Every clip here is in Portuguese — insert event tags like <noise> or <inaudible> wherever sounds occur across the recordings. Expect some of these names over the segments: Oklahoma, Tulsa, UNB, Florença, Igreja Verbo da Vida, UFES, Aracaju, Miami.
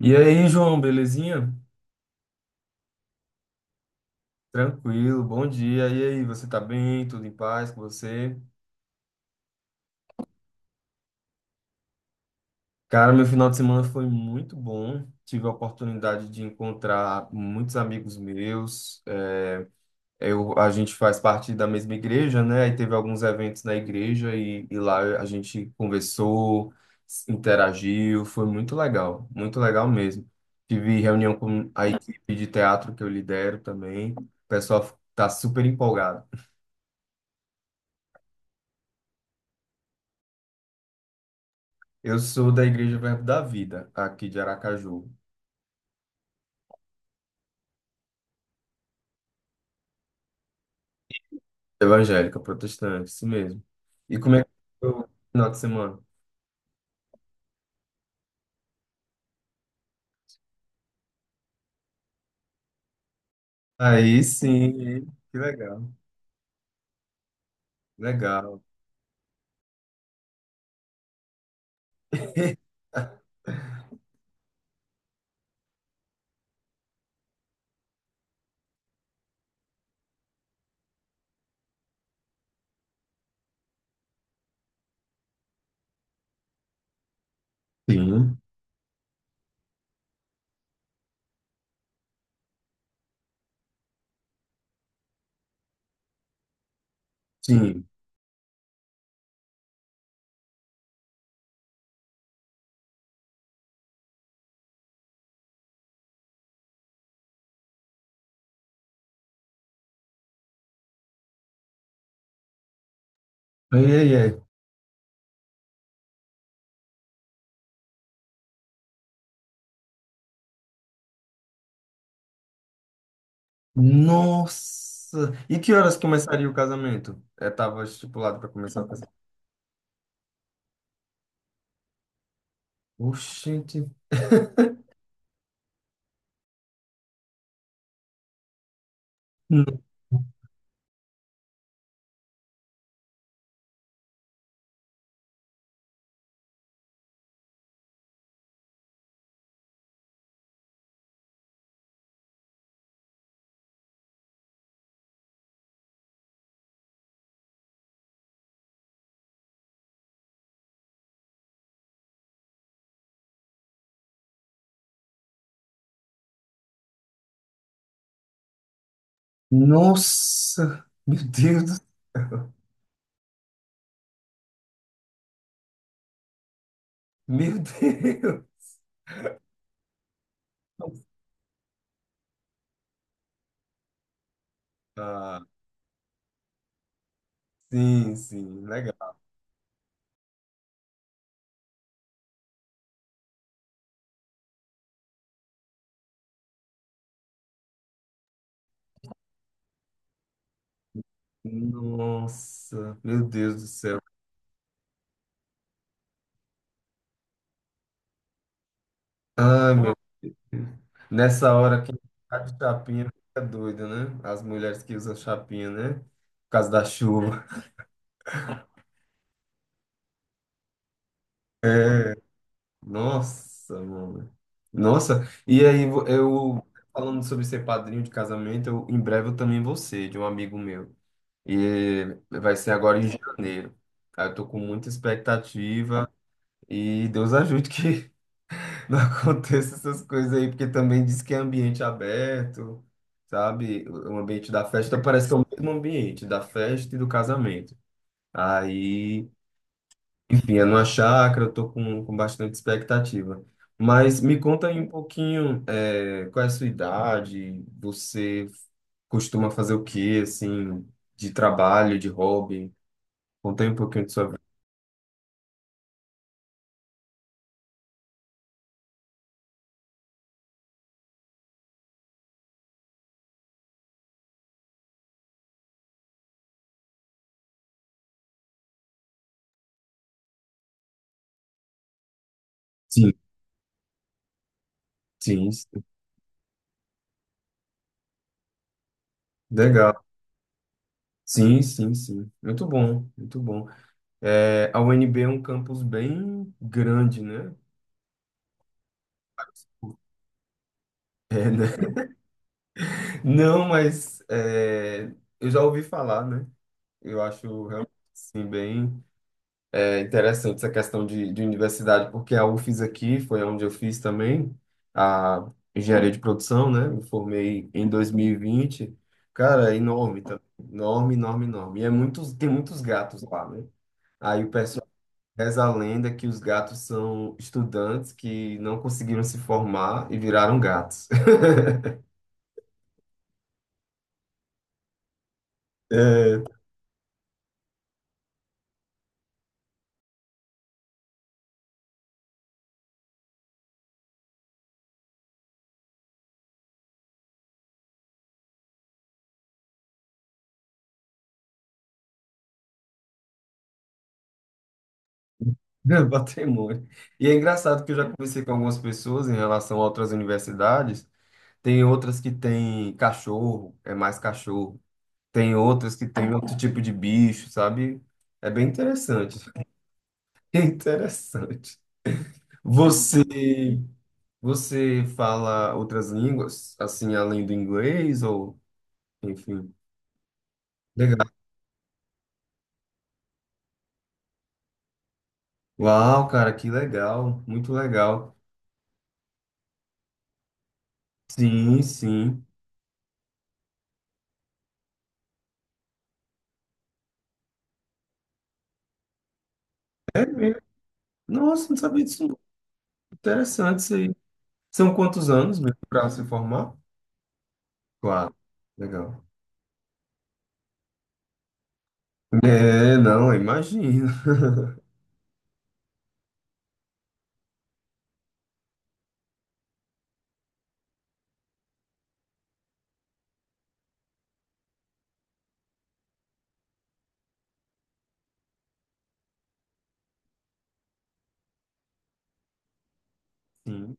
E aí, João, belezinha? Tranquilo, bom dia. E aí, você tá bem? Tudo em paz com você? Cara, meu final de semana foi muito bom. Tive a oportunidade de encontrar muitos amigos meus. Eu, a gente faz parte da mesma igreja, né? Aí teve alguns eventos na igreja e lá a gente conversou, interagiu. Foi muito legal mesmo. Tive reunião com a equipe de teatro que eu lidero também. O pessoal tá super empolgado. Eu sou da Igreja Verbo da Vida, aqui de Aracaju. Evangélica, protestante, isso mesmo. E como é que foi o final de semana? Aí sim, que legal. Legal. <laughs> Sim, sim. Ai, ai, ai. Nossa! E que horas começaria o casamento? É, tava estipulado para começar o casamento. Oxente. Nossa! Meu Deus! Meu Deus! Ah, sim, sim, legal. Nossa, meu Deus do céu. Ai, meu, nessa hora quem tá de chapinha fica doido, né? As mulheres que usam chapinha, né? Por causa da chuva. <laughs> É, nossa, mano. Nossa, e aí eu falando sobre ser padrinho de casamento, eu, em breve eu também vou ser, de um amigo meu. E vai ser agora em janeiro. Aí eu tô com muita expectativa e Deus ajude que não <laughs> aconteça essas coisas aí, porque também diz que é ambiente aberto, sabe? O ambiente da festa então parece que é o mesmo ambiente da festa e do casamento. Aí, enfim, é numa chácara, eu tô com bastante expectativa. Mas me conta aí um pouquinho, é, qual é a sua idade, você costuma fazer o quê, assim, de trabalho, de hobby? Conta aí um pouquinho de sua vida. Sim, sim, sim. Legal. Sim, sim, sim. Muito bom, muito bom. É, a UNB é um campus bem grande, né? É, né? <laughs> Não, mas é, eu já ouvi falar, né? Eu acho realmente assim, bem é, interessante essa questão de universidade, porque a UFES aqui foi onde eu fiz também a engenharia de produção, né? Me formei em 2020. Cara, é enorme, tá? Enorme, enorme, enorme. E é muitos, tem muitos gatos lá, né? Aí o pessoal reza a lenda que os gatos são estudantes que não conseguiram se formar e viraram gatos. <laughs> É, <laughs> patrimônio. E é engraçado que eu já conversei com algumas pessoas em relação a outras universidades. Tem outras que têm cachorro, é mais cachorro. Tem outras que têm outro tipo de bicho, sabe? É bem interessante. <laughs> É interessante. Você, você fala outras línguas, assim, além do inglês ou, enfim. Legal. Uau, cara, que legal, muito legal. Sim, sim. É mesmo. Nossa, não sabia disso. Não. Interessante isso aí. São quantos anos mesmo para se formar? Claro, legal. É, não, imagina. Sim,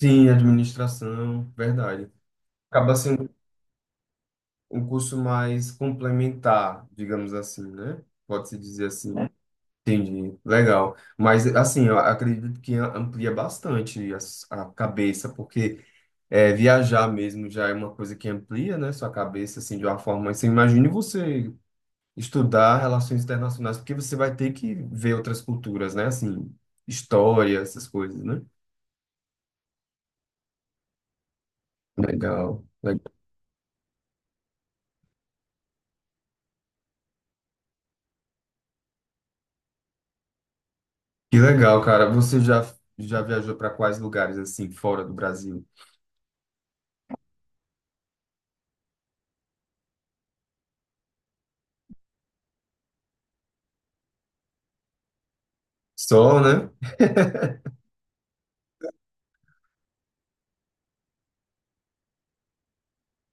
sim, administração, verdade. Acaba sendo um curso mais complementar, digamos assim, né? Pode-se dizer assim. É. Entendi, legal. Mas, assim, eu acredito que amplia bastante a cabeça, porque. É, viajar mesmo já é uma coisa que amplia, né, sua cabeça, assim, de uma forma. Você imagine você estudar relações internacionais, porque você vai ter que ver outras culturas, né, assim, história, essas coisas, né? Legal. Que legal, cara. Já viajou para quais lugares, assim, fora do Brasil? Só, né? <laughs>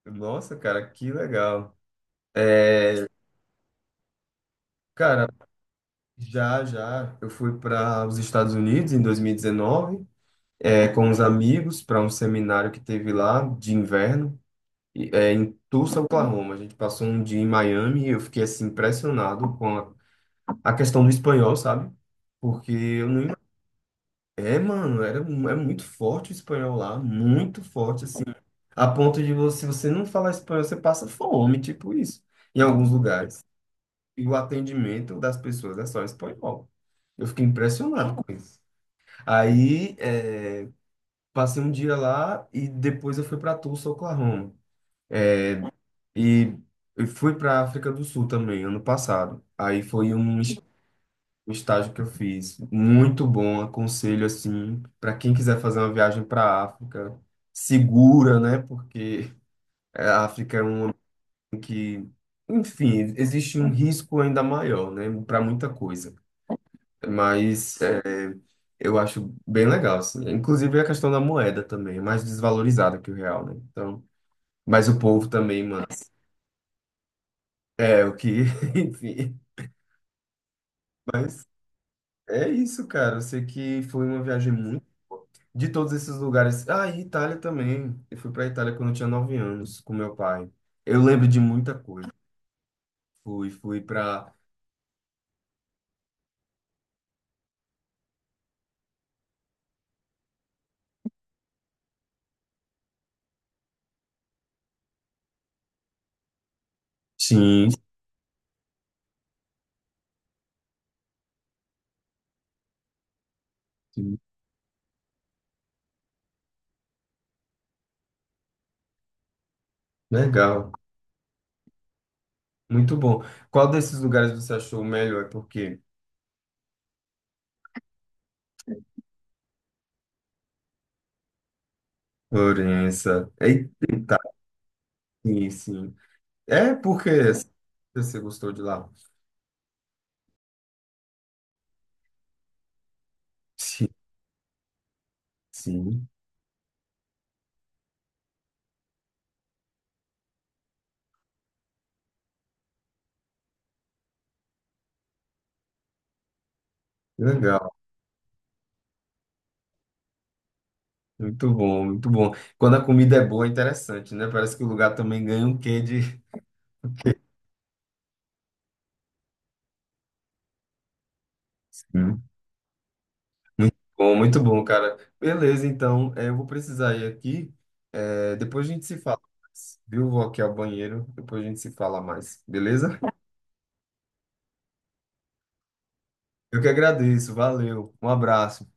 Nossa, cara, que legal. É, cara, já, eu fui para os Estados Unidos em 2019. É, com os amigos para um seminário que teve lá de inverno, é, em Tulsa, Oklahoma. A gente passou um dia em Miami e eu fiquei assim impressionado com a questão do espanhol, sabe? Porque eu não. É, mano, era, é muito forte o espanhol lá, muito forte, assim. A ponto de você, se você não falar espanhol, você passa fome, tipo isso, em alguns lugares. E o atendimento das pessoas é só em espanhol. Eu fiquei impressionado com isso. Aí, é, passei um dia lá e depois eu fui para Tulsa, Oklahoma. E eu fui para África do Sul também, ano passado. Aí foi um estágio que eu fiz, muito bom, aconselho assim, para quem quiser fazer uma viagem para a África, segura, né? Porque a África é um ambiente que, enfim, existe um risco ainda maior, né? Para muita coisa. Mas é, eu acho bem legal, assim. Inclusive a questão da moeda também, é mais desvalorizada que o real, né? Então mas o povo também, mano. É, o que, <laughs> enfim. Mas é isso, cara. Eu sei que foi uma viagem muito. De todos esses lugares. Ah, e Itália também. Eu fui pra Itália quando eu tinha 9 anos, com meu pai. Eu lembro de muita coisa. Fui pra. Sim, sim. Legal. Muito bom. Qual desses lugares você achou o melhor? E por quê? Florença. Eita, sim, sim. É porque você gostou de lá? Sim, sim. Legal. Muito bom, muito bom. Quando a comida é boa, é interessante, né? Parece que o lugar também ganha um quê de. <laughs> Sim. Muito bom, cara. Beleza, então, é, eu vou precisar ir aqui. É, depois a gente se fala mais, viu? Vou aqui ao banheiro, depois a gente se fala mais, beleza? Eu que agradeço, valeu, um abraço.